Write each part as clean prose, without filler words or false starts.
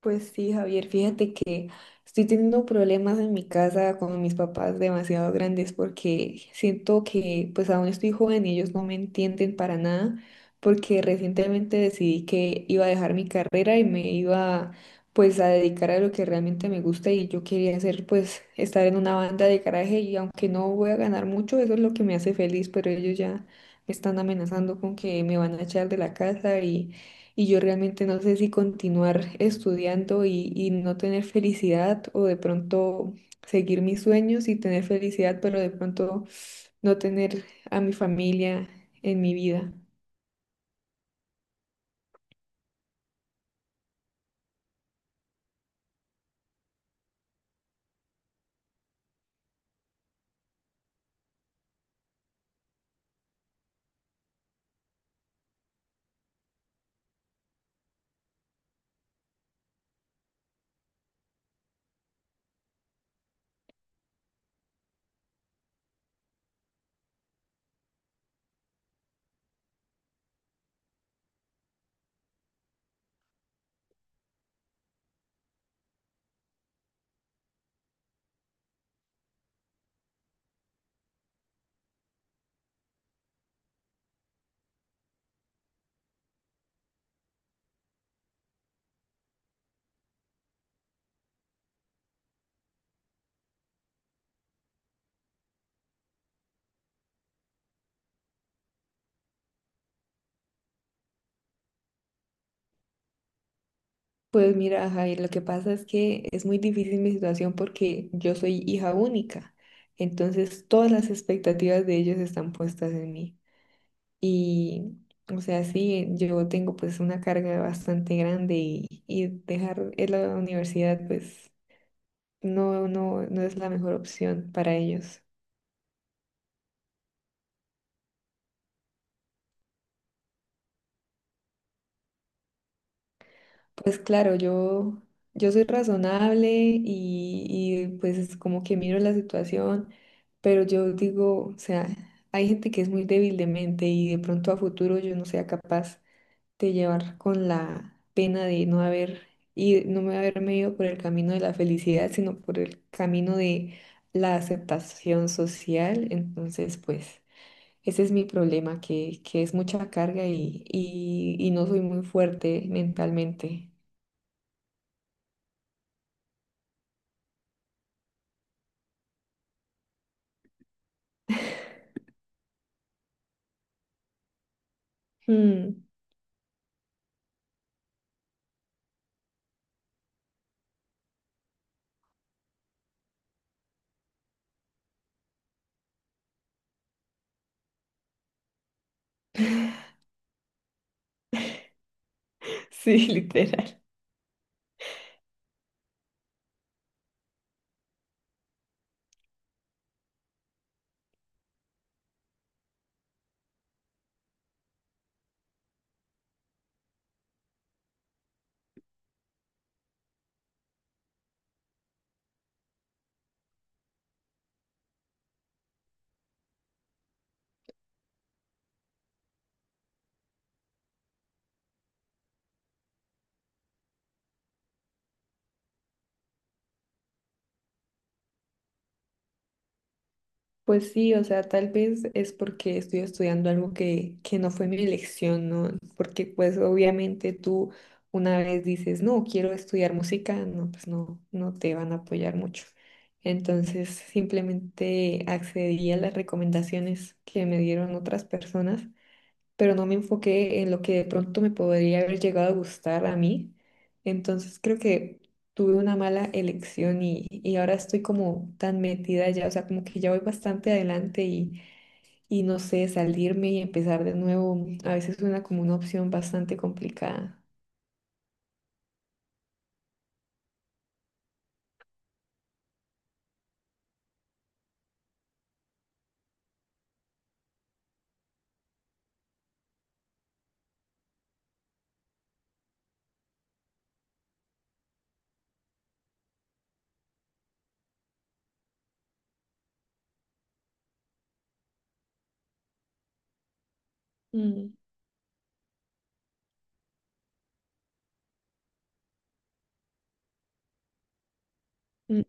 Pues sí, Javier, fíjate que estoy teniendo problemas en mi casa con mis papás demasiado grandes porque siento que pues aún estoy joven y ellos no me entienden para nada porque recientemente decidí que iba a dejar mi carrera y me iba pues a dedicar a lo que realmente me gusta y yo quería hacer pues estar en una banda de garaje y aunque no voy a ganar mucho, eso es lo que me hace feliz, pero ellos ya me están amenazando con que me van a echar de la casa y yo realmente no sé si continuar estudiando y no tener felicidad o de pronto seguir mis sueños y tener felicidad, pero de pronto no tener a mi familia en mi vida. Pues mira, Jair, lo que pasa es que es muy difícil mi situación porque yo soy hija única, entonces todas las expectativas de ellos están puestas en mí. Y, o sea, sí, yo tengo pues una carga bastante grande y dejar la universidad pues no es la mejor opción para ellos. Pues claro, yo soy razonable y pues es como que miro la situación, pero yo digo, o sea, hay gente que es muy débil de mente y de pronto a futuro yo no sea capaz de llevar con la pena de no haber y no me haberme ido por el camino de la felicidad, sino por el camino de la aceptación social. Entonces, pues, ese es mi problema, que es mucha carga y no soy muy fuerte mentalmente. Mm. Sí, literal. Pues sí, o sea, tal vez es porque estoy estudiando algo que no fue mi elección, ¿no? Porque pues obviamente tú una vez dices, no, quiero estudiar música, no, pues no te van a apoyar mucho. Entonces simplemente accedí a las recomendaciones que me dieron otras personas, pero no me enfoqué en lo que de pronto me podría haber llegado a gustar a mí. Entonces creo que tuve una mala elección y ahora estoy como tan metida ya, o sea, como que ya voy bastante adelante y no sé, salirme y empezar de nuevo a veces suena como una opción bastante complicada. Mm, mm,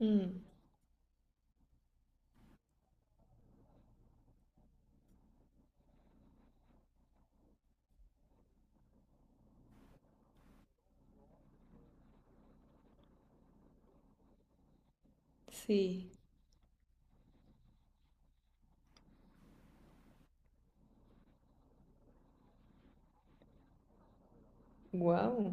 mm. Sí. Wow.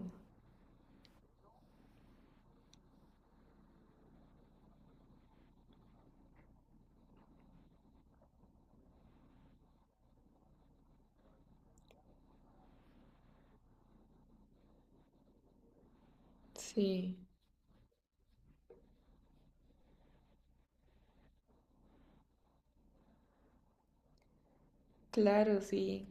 Sí, claro, sí.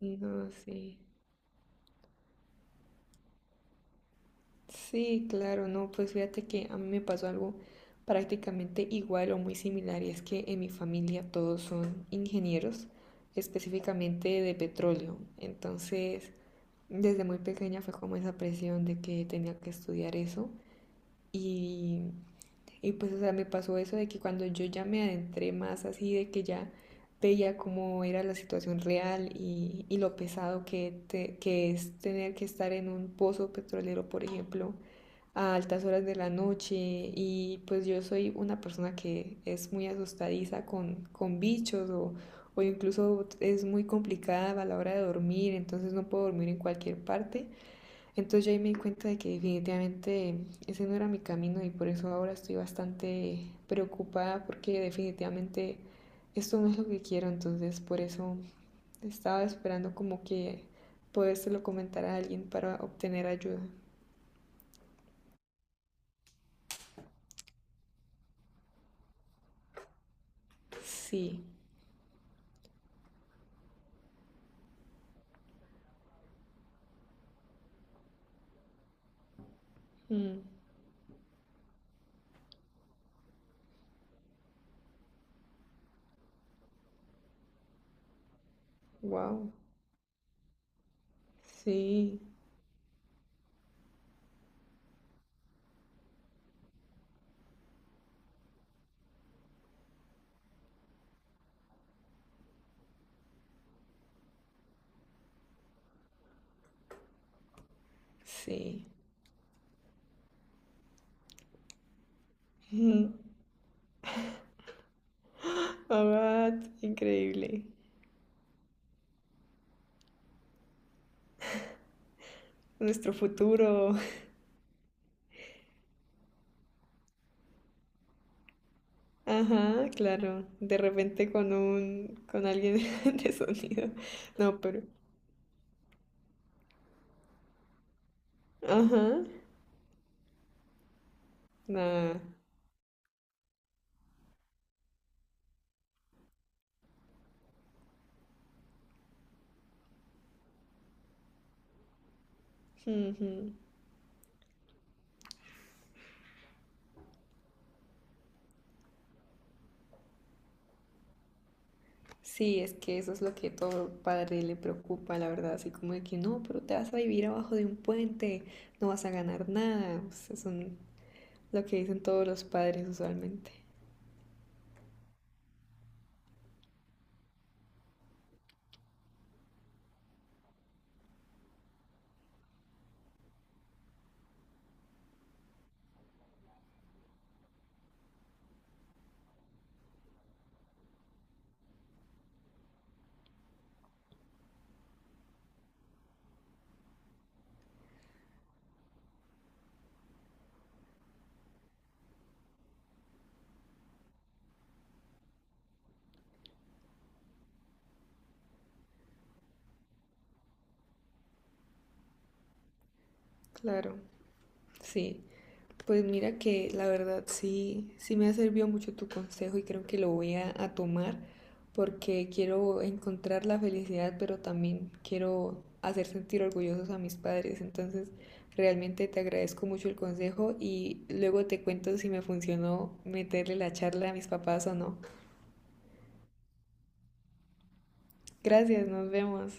No, sí. Sí, claro, no, pues fíjate que a mí me pasó algo prácticamente igual o muy similar y es que en mi familia todos son ingenieros, específicamente de petróleo. Entonces, desde muy pequeña fue como esa presión de que tenía que estudiar eso y, y pues, o sea, me pasó eso de que cuando yo ya me adentré más así, de que ya veía cómo era la situación real y lo pesado que, que es tener que estar en un pozo petrolero, por ejemplo a altas horas de la noche y pues yo soy una persona que es muy asustadiza con bichos o incluso es muy complicada a la hora de dormir, entonces no puedo dormir en cualquier parte. Entonces yo ahí me di cuenta de que definitivamente ese no era mi camino y por eso ahora estoy bastante preocupada porque definitivamente esto no es lo que quiero, entonces por eso estaba esperando como que podérselo comentar a alguien para obtener ayuda. Sí. Mm. Wow, sí, sí. Abad, increíble. Nuestro futuro. Ajá, claro. De repente con un, con alguien de sonido. No, pero. Ajá. Nada. Ujú. Sí, es que eso es lo que todo padre le preocupa, la verdad. Así como de que no, pero te vas a vivir abajo de un puente, no vas a ganar nada. O sea, son lo que dicen todos los padres usualmente. Claro, sí. Pues mira que la verdad sí, sí me ha servido mucho tu consejo y creo que lo voy a tomar porque quiero encontrar la felicidad, pero también quiero hacer sentir orgullosos a mis padres. Entonces, realmente te agradezco mucho el consejo y luego te cuento si me funcionó meterle la charla a mis papás o no. Gracias, nos vemos.